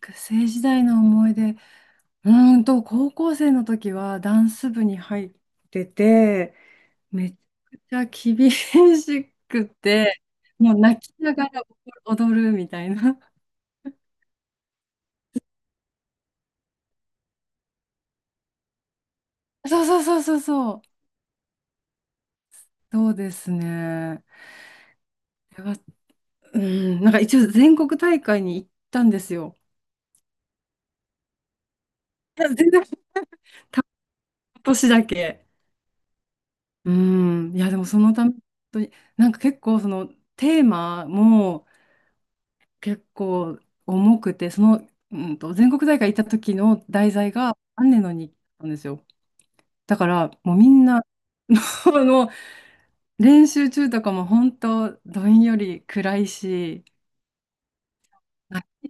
学生時代の思い出、高校生の時はダンス部に入ってて、めちゃくちゃ厳しくて、もう泣きながら踊るみたいな。そうそうそうそうそう。そうですね。これは、うん、なんか一応全国大会に行ったんですよ。いや全然、たった年だけ。うん、いやでもそのため、本当になんか結構そのテーマも、結構重くて、その、全国大会行った時の題材が雨の日記だったんですよ。だから、もうみんな、あの、練習中とかも本当、どんより暗いし、あ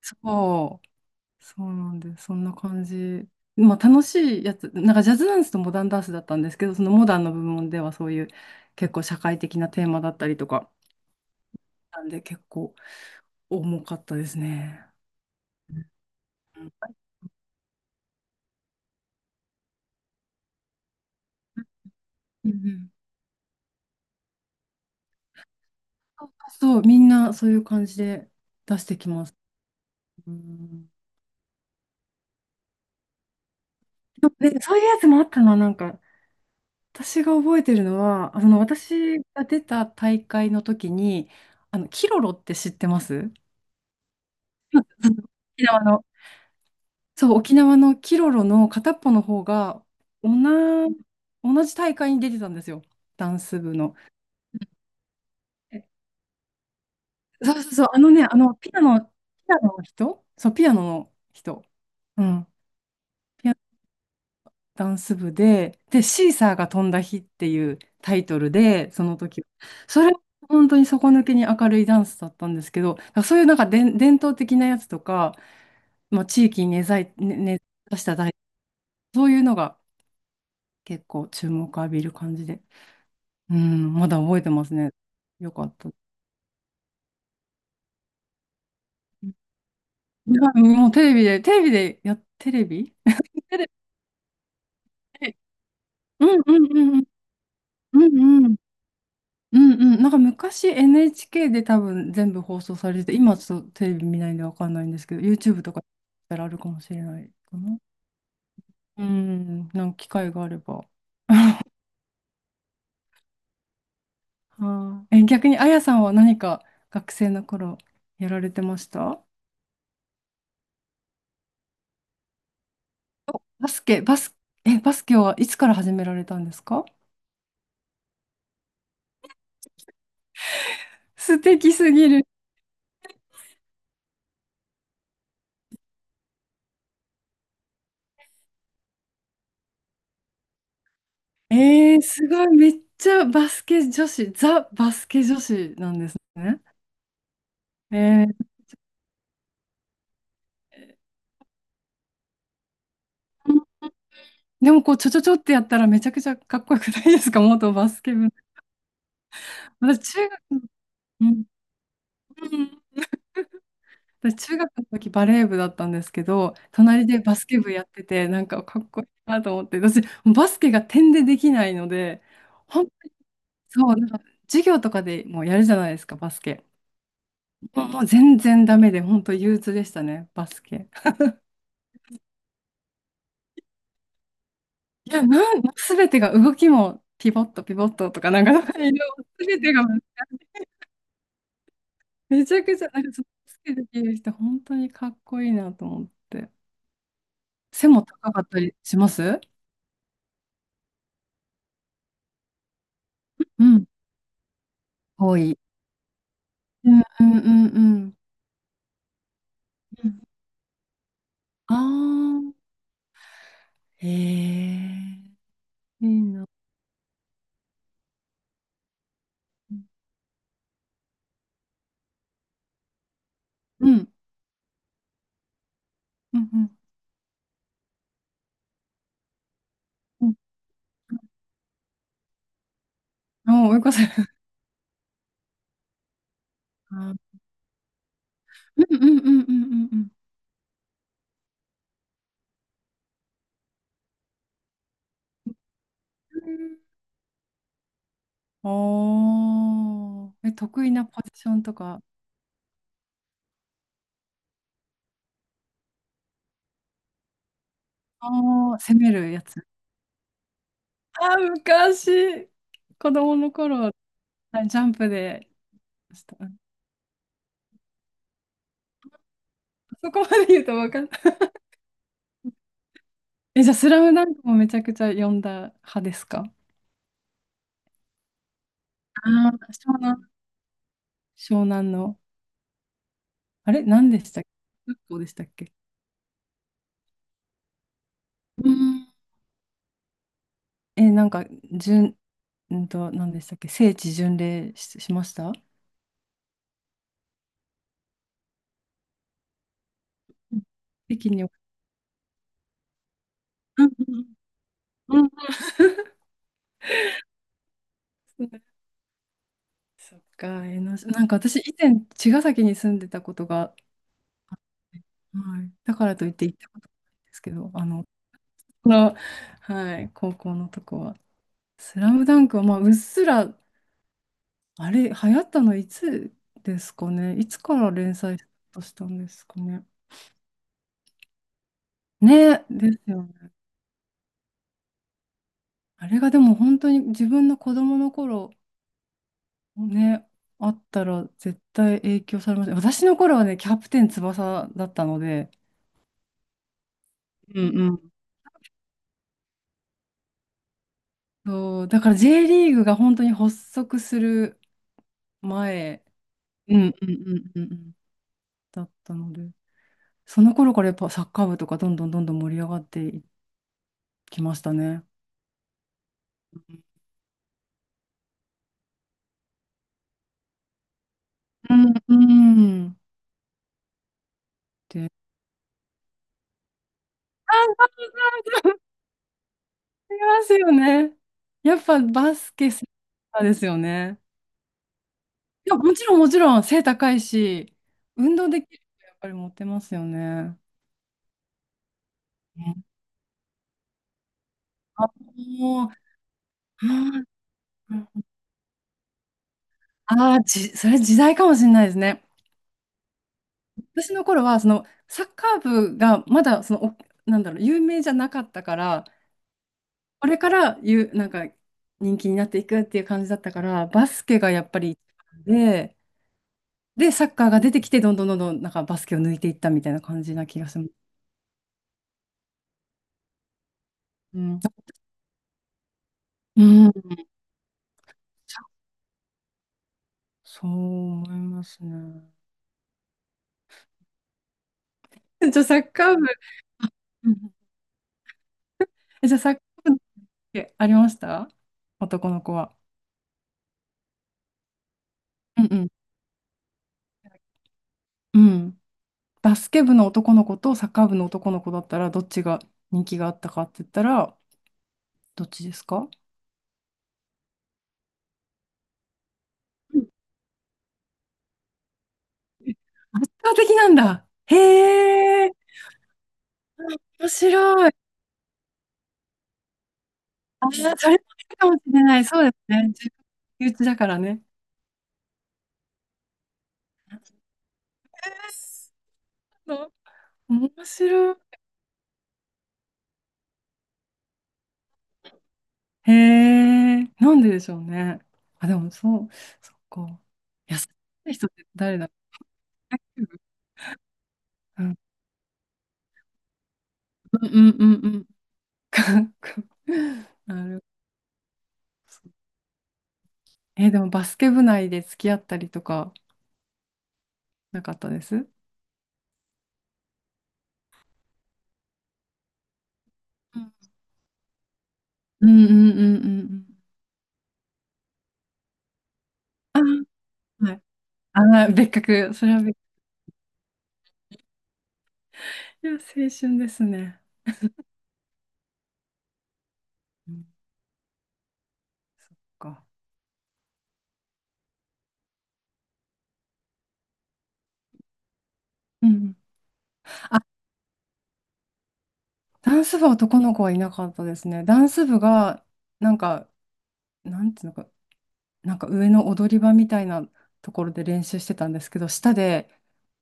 そう、そうなんで、そんな感じ。まあ、楽しいやつ、なんかジャズダンスとモダンダンスだったんですけど、そのモダンの部門ではそういう結構社会的なテーマだったりとか、なんで結構重かったですね。うんうんそう、みんなそういう感じで出してきます。うん。で、そういうやつもあったな、なんか、私が覚えてるのは、あの、私が出た大会の時に、あの、キロロって知ってます？うん、沖縄の、そう、沖縄のキロロの片っぽの方が、同じ、同じ大会に出てたんですよ、ダンス部の。えそうそうそう、あのね、あの、ピアノの人、そう、ピアノの人。うん。ダンス部で、シーサーが飛んだ日っていうタイトルで、その時、それ、本当に底抜けに明るいダンスだったんですけど、だからそういうなんか伝統的なやつとか、まあ、地域に根ざしたダンス、そういうのが結構注目を浴びる感じで、うん、まだ覚えてますね。よかった。いや、もうテレビで、テレビで、や、テレビテレビ、うんうんうんうんうんうん。うんうん。なんか昔 NHK で多分全部放送されてて、今ちょっとテレビ見ないんでわかんないんですけど、YouTube とかだったらあるかもしれないかな。うん、なんか機会があれば。あーえ、逆にあやさんは何か学生の頃やられてました？バスケ、バス、バスケはいつから始められたんですか？素敵すぎる。すごい、めっちゃバスケ女子、ザ・バスケ女子なんですね。えーでもこう、ちょちょちょってやったらめちゃくちゃかっこよくないですか？ 元バスケ部。私、中学、うん、うん私、中学の時バレー部だったんですけど、隣でバスケ部やってて、なんかかっこいいなと思って、私、バスケが点でできないので、本当に、そう、なんか授業とかでもうやるじゃないですか、バスケ。もうもう全然ダメで、本当憂鬱でしたね、バスケ。いや、すべてが動きも、ピボット、ピボットとか、なんか、いろいろ、すべてがめちゃくちゃ、なんかそのつけてきる人、本当にかっこいいなと思って。背も高かったりします？うん。多い。うんうんうんうん。ああー。へえ。いいな。うんうんうんうん。おーよかったあー、追い越せる。うんうんうんうんうんうん。うんおー、得意なポジションとか、ああ、攻めるやつ。あー、昔、子供の頃は、はいジャンプでした。そこまで言うと分かんない。じゃあ、スラムダンクもめちゃくちゃ読んだ派ですか？ああー、湘南の。あれ何でしたっけ？学校でしたっけ？うん。なんか、順、何でしたっけ？聖地巡礼し、しました？うん、北京に。うんうんうんうん そっか、なんか私、以前、茅ヶ崎に住んでたことがあって、はい、だからといって行ったことないんですけど、あの、この、はい、高校のとこは。スラムダンクは、まあ、うっすら、あれ、流行ったのいつですかね。いつから連載スタートしたんですかね。ね、ですよね。あれがでも本当に自分の子供の頃、ね、あったら絶対影響されます。私の頃はね、キャプテン翼だったので、うんうん。そう、だから J リーグが本当に発足する前。うんうんうんうんうん。だったので、その頃からやっぱサッカー部とかどんどんどんどん盛り上がっていきましたね。うん、うんってあ。ありますよね。やっぱバスケセンターですよね。いや、もちろんもちろん背高いし、運動できるとやっぱりモテますよね。うんあ、もう、ああー、それ時代かもしれないですね。私の頃は、その、サッカー部がまだ、その、なんだろう、有名じゃなかったから、これからなんか、人気になっていくっていう感じだったから、バスケがやっぱり一番で、サッカーが出てきて、どんどんどんどん、なんかバスケを抜いていったみたいな感じな気がします。うん。うん。そう思いますね。じゃあ、サッカー部、うんうんじゃあ、サッカー部ってありました？男の子は。うんうん。うん。バスケ部の男の子とサッカー部の男の子だったら、どっちが人気があったかって言ったら、どっちですか？うんえ圧倒的なんだ。へえ、面白い。あ、それもいいかもしれない。そうですね。自分身内だからね。の面白い。へえ、なんででしょうね。あ、でもそう、そっか。優しい人って誰だ？うん、うんうんうんうん。なるほど。でもバスケ部内で付き合ったりとかなかったです？うんうんうんうんうん。あ、はい。あ、別格。それは別格。いや、青春ですね。うん、そっか。うん。あ、ダンス部は男の子はいなかったですね。ダンス部が、なんか、なんていうのか、なんか上の踊り場みたいなところで練習してたんですけど、下で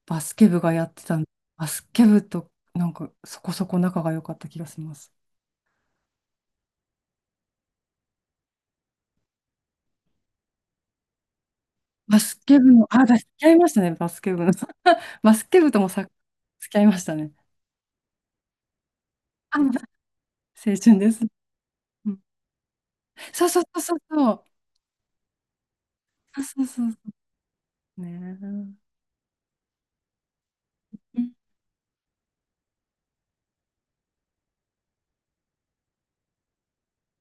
バスケ部がやってたんで、バスケ部となんかそこそこ仲が良かった気がします。バスケ部の、付き合いましたね、バスケ部の。バスケ部ともさ、付き合いましたね。あ、青春です。うんそうそうそうそうそう。そうそうそうそう。ね